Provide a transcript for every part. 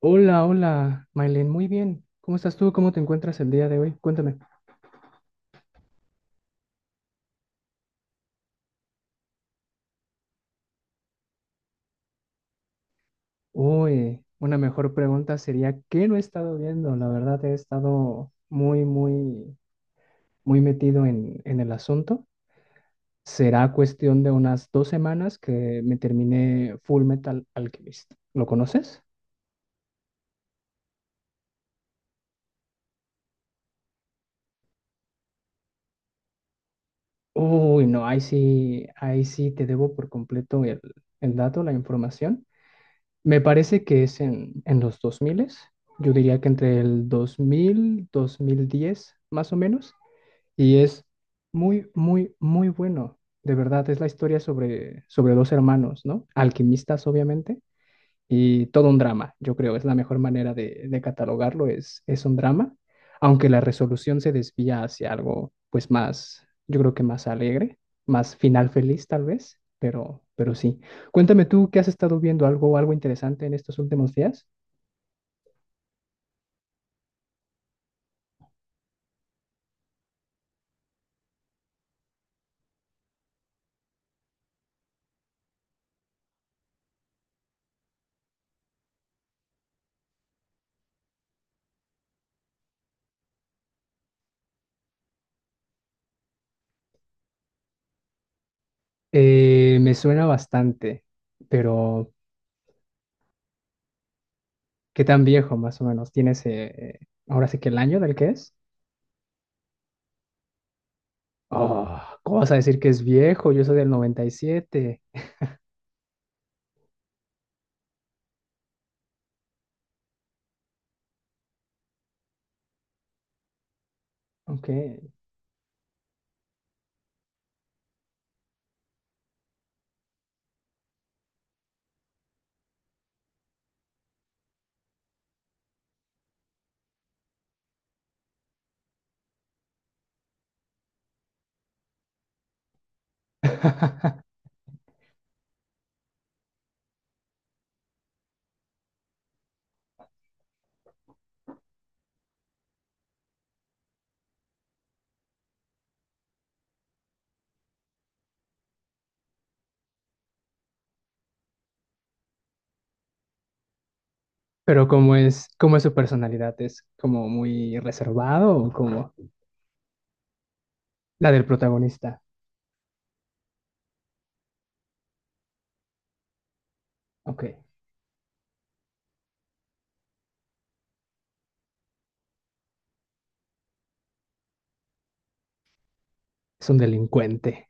Hola, hola, Mailen, muy bien. ¿Cómo estás tú? ¿Cómo te encuentras el día de hoy? Cuéntame. Uy, una mejor pregunta sería, ¿qué no he estado viendo? La verdad, he estado muy, muy, muy metido en el asunto. Será cuestión de unas dos semanas que me terminé Full Metal Alchemist. ¿Lo conoces? Uy, no, ahí sí te debo por completo el dato, la información. Me parece que es en los 2000, yo diría que entre el dos mil dos mil diez más o menos, y es muy, muy, muy bueno. De verdad, es la historia sobre dos hermanos, ¿no? Alquimistas, obviamente, y todo un drama, yo creo, es la mejor manera de catalogarlo, es un drama, aunque la resolución se desvía hacia algo pues más, yo creo que más alegre, más final feliz tal vez, pero sí. Cuéntame tú, ¿qué has estado viendo? ¿Algo, algo interesante en estos últimos días? Me suena bastante, pero ¿qué tan viejo más o menos? ¿Tienes ahora sí que el año del que es? Oh, ¿cómo vas a decir que es viejo? Yo soy del noventa y siete. Ok. Pero cómo es su personalidad? ¿Es como muy reservado o como la del protagonista? Ok, es un delincuente.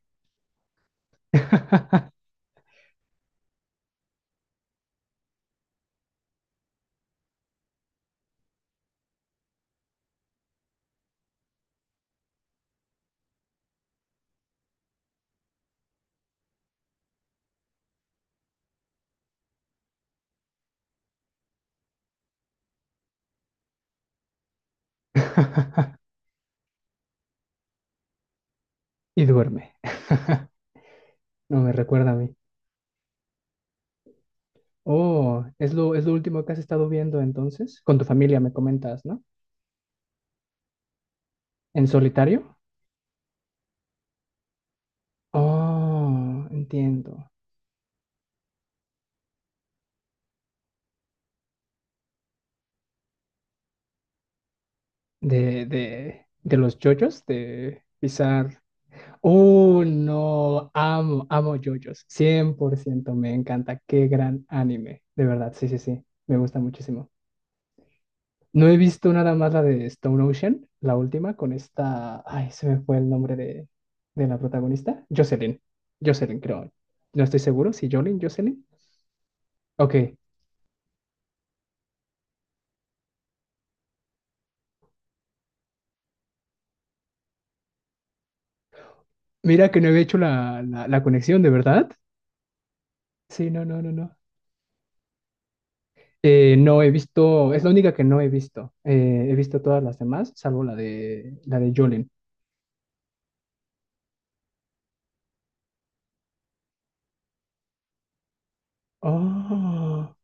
Y duerme. No me recuerda a mí. Oh, es lo último que has estado viendo entonces. Con tu familia me comentas, ¿no? ¿En solitario? Oh, entiendo. De los yoyos, de pisar. No, amo, amo JoJo's, 100% me encanta, qué gran anime, de verdad, sí, sí, sí, me gusta muchísimo. No he visto nada más la de Stone Ocean, la última, con esta, ay, se me fue el nombre de la protagonista, Jocelyn, Jocelyn, creo, no estoy seguro, si Jolene, Jocelyn. Ok, mira que no había hecho la conexión, ¿de verdad? Sí, no. No he visto, es la única que no he visto. He visto todas las demás, salvo la la de Jolene. Oh,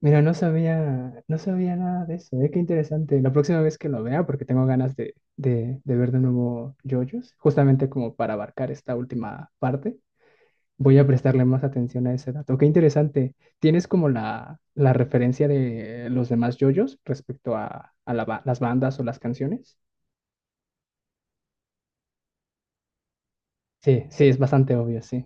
mira, no sabía, no sabía nada de eso. Qué interesante. La próxima vez que lo vea, porque tengo ganas de ver de nuevo JoJo's, justamente como para abarcar esta última parte, voy a prestarle más atención a ese dato. Qué interesante. ¿Tienes como la referencia de los demás JoJo's respecto a la las bandas o las canciones? Sí, sí, es bastante obvio, sí.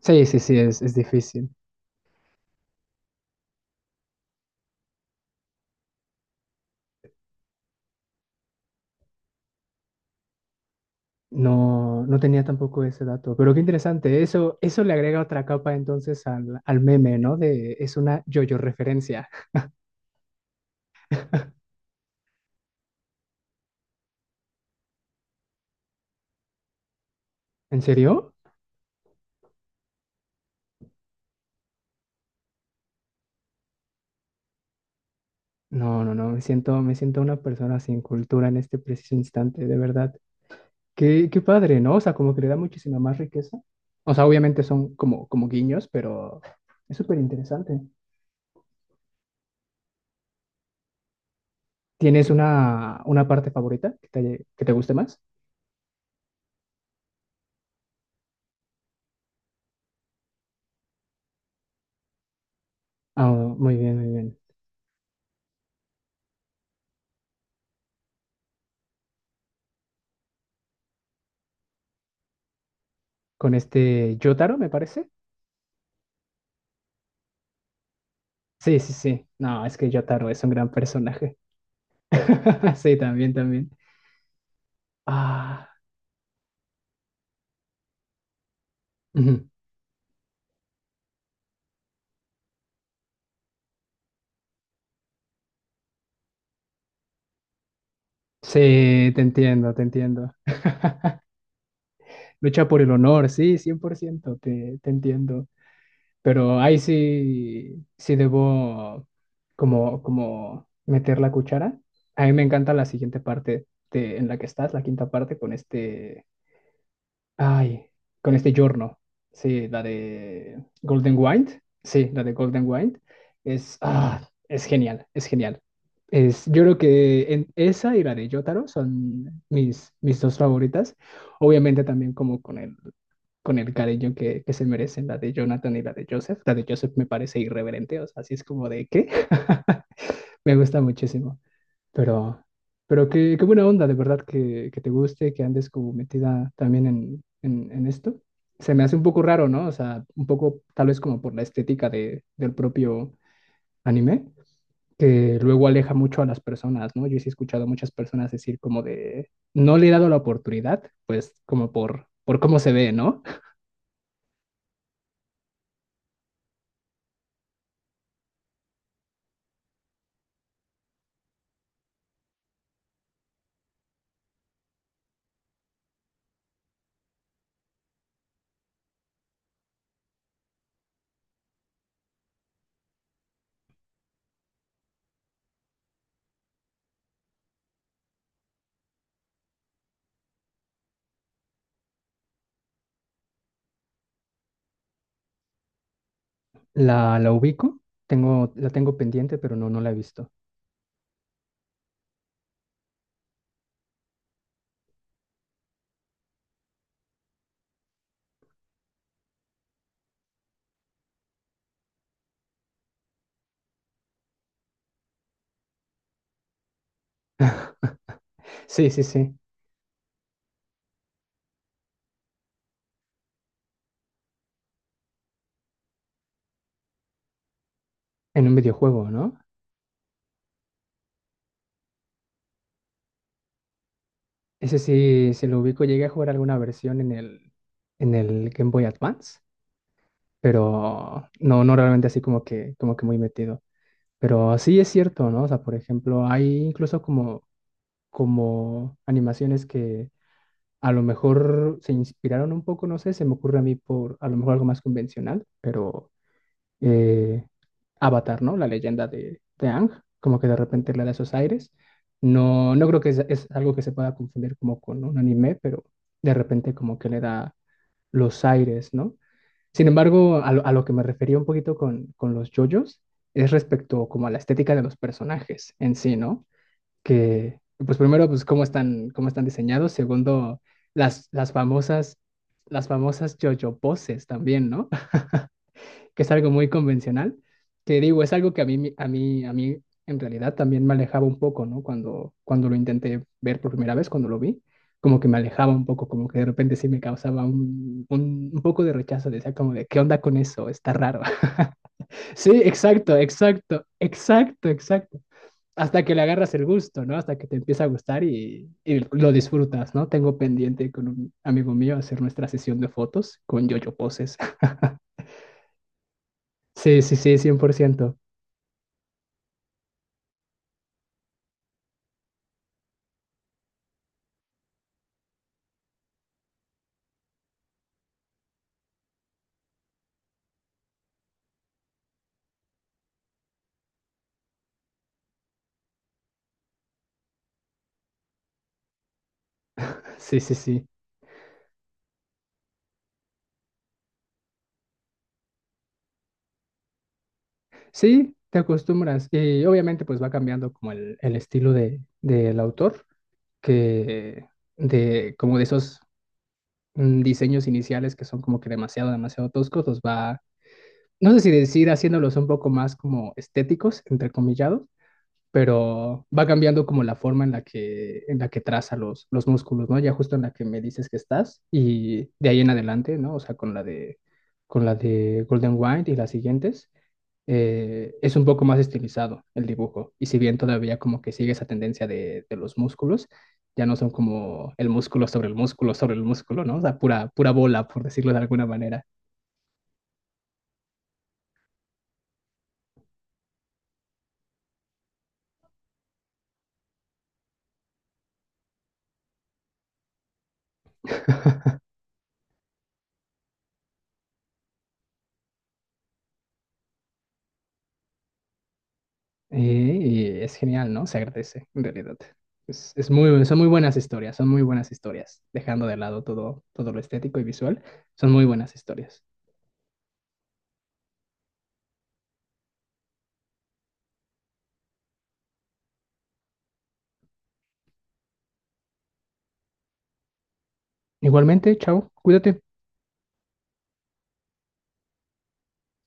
Sí, sí, sí, es difícil. No, no tenía tampoco ese dato, pero qué interesante. Eso le agrega otra capa entonces al meme, ¿no? De es una yo-yo referencia. ¿En serio? No, no, no. Me siento una persona sin cultura en este preciso instante, de verdad. Qué, qué padre, ¿no? O sea, como que le da muchísima más riqueza. O sea, obviamente son como, como guiños, pero es súper interesante. ¿Tienes una parte favorita que te, que te guste más? Ah, muy bien, muy bien. Con este Jotaro, me parece. Sí, sí, sí. No, es que Yotaro es un gran personaje. Sí, también, también. Ah, ujú. Sí, te entiendo, te entiendo. Lucha por el honor, sí, 100% te, te entiendo. Pero ahí sí, sí debo como, como meter la cuchara. A mí me encanta la siguiente parte en la que estás, la quinta parte, con este. Ay, con este giorno. Sí, la de Golden Wind. Sí, la de Golden Wind. Es, ah, es genial, es genial. Es, yo creo que esa y la de Jotaro son mis, mis dos favoritas. Obviamente también como con el cariño que se merecen la de Jonathan y la de Joseph. La de Joseph me parece irreverente, o sea, así es como de qué. Me gusta muchísimo. Pero, pero qué, qué buena onda, de verdad, que te guste, que andes como metida también en esto. Se me hace un poco raro, ¿no? O sea, un poco tal vez como por la estética del propio anime, que luego aleja mucho a las personas, ¿no? Yo sí he escuchado a muchas personas decir como de, no le he dado la oportunidad, pues como por cómo se ve, ¿no? La ubico, tengo, la tengo pendiente, pero no, no la he visto. Sí, sí, sí, en un videojuego, ¿no? Ese sí, se lo ubico, llegué a jugar alguna versión en el Game Boy Advance, pero no, no realmente así como que muy metido. Pero sí es cierto, ¿no? O sea, por ejemplo, hay incluso como, como animaciones que a lo mejor se inspiraron un poco, no sé, se me ocurre a mí por a lo mejor algo más convencional, pero eh, Avatar, ¿no? La leyenda de Aang, como que de repente le da esos aires. No, no creo que es algo que se pueda confundir como con un anime, pero de repente como que le da los aires, ¿no? Sin embargo, a lo que me refería un poquito con los yoyos es respecto como a la estética de los personajes en sí, ¿no? Que, pues primero, pues cómo están diseñados. Segundo, las, las famosas, las famosas yoyo poses también, ¿no? Que es algo muy convencional, que digo, es algo que a mí en realidad también me alejaba un poco, ¿no? Cuando lo intenté ver por primera vez, cuando lo vi, como que me alejaba un poco, como que de repente sí me causaba un poco de rechazo, decía como de, ¿qué onda con eso? Está raro. Sí, exacto, exacto, exacto, exacto. Hasta que le agarras el gusto, ¿no? Hasta que te empieza a gustar y lo disfrutas, ¿no? Tengo pendiente con un amigo mío hacer nuestra sesión de fotos con yo-yo poses. Sí, sí, sí, cien por ciento. Sí, sí, sí. Sí, te acostumbras. Y obviamente pues va cambiando como el estilo del autor, que de como de esos diseños iniciales que son como que demasiado, demasiado toscos, los va, no sé si decir haciéndolos un poco más como estéticos, entre comillados, pero va cambiando como la forma en en la que traza los músculos, ¿no? Ya justo en la que me dices que estás y de ahí en adelante, ¿no? O sea, con la de Golden White y las siguientes es un poco más estilizado el dibujo. Y si bien todavía como que sigue esa tendencia de los músculos, ya no son como el músculo sobre el músculo sobre el músculo, ¿no? O sea, pura, pura bola, por decirlo de alguna manera. Es genial, ¿no? Se agradece, en realidad. Es muy, son muy buenas historias, son muy buenas historias. Dejando de lado todo, todo lo estético y visual, son muy buenas historias. Igualmente, chao, cuídate.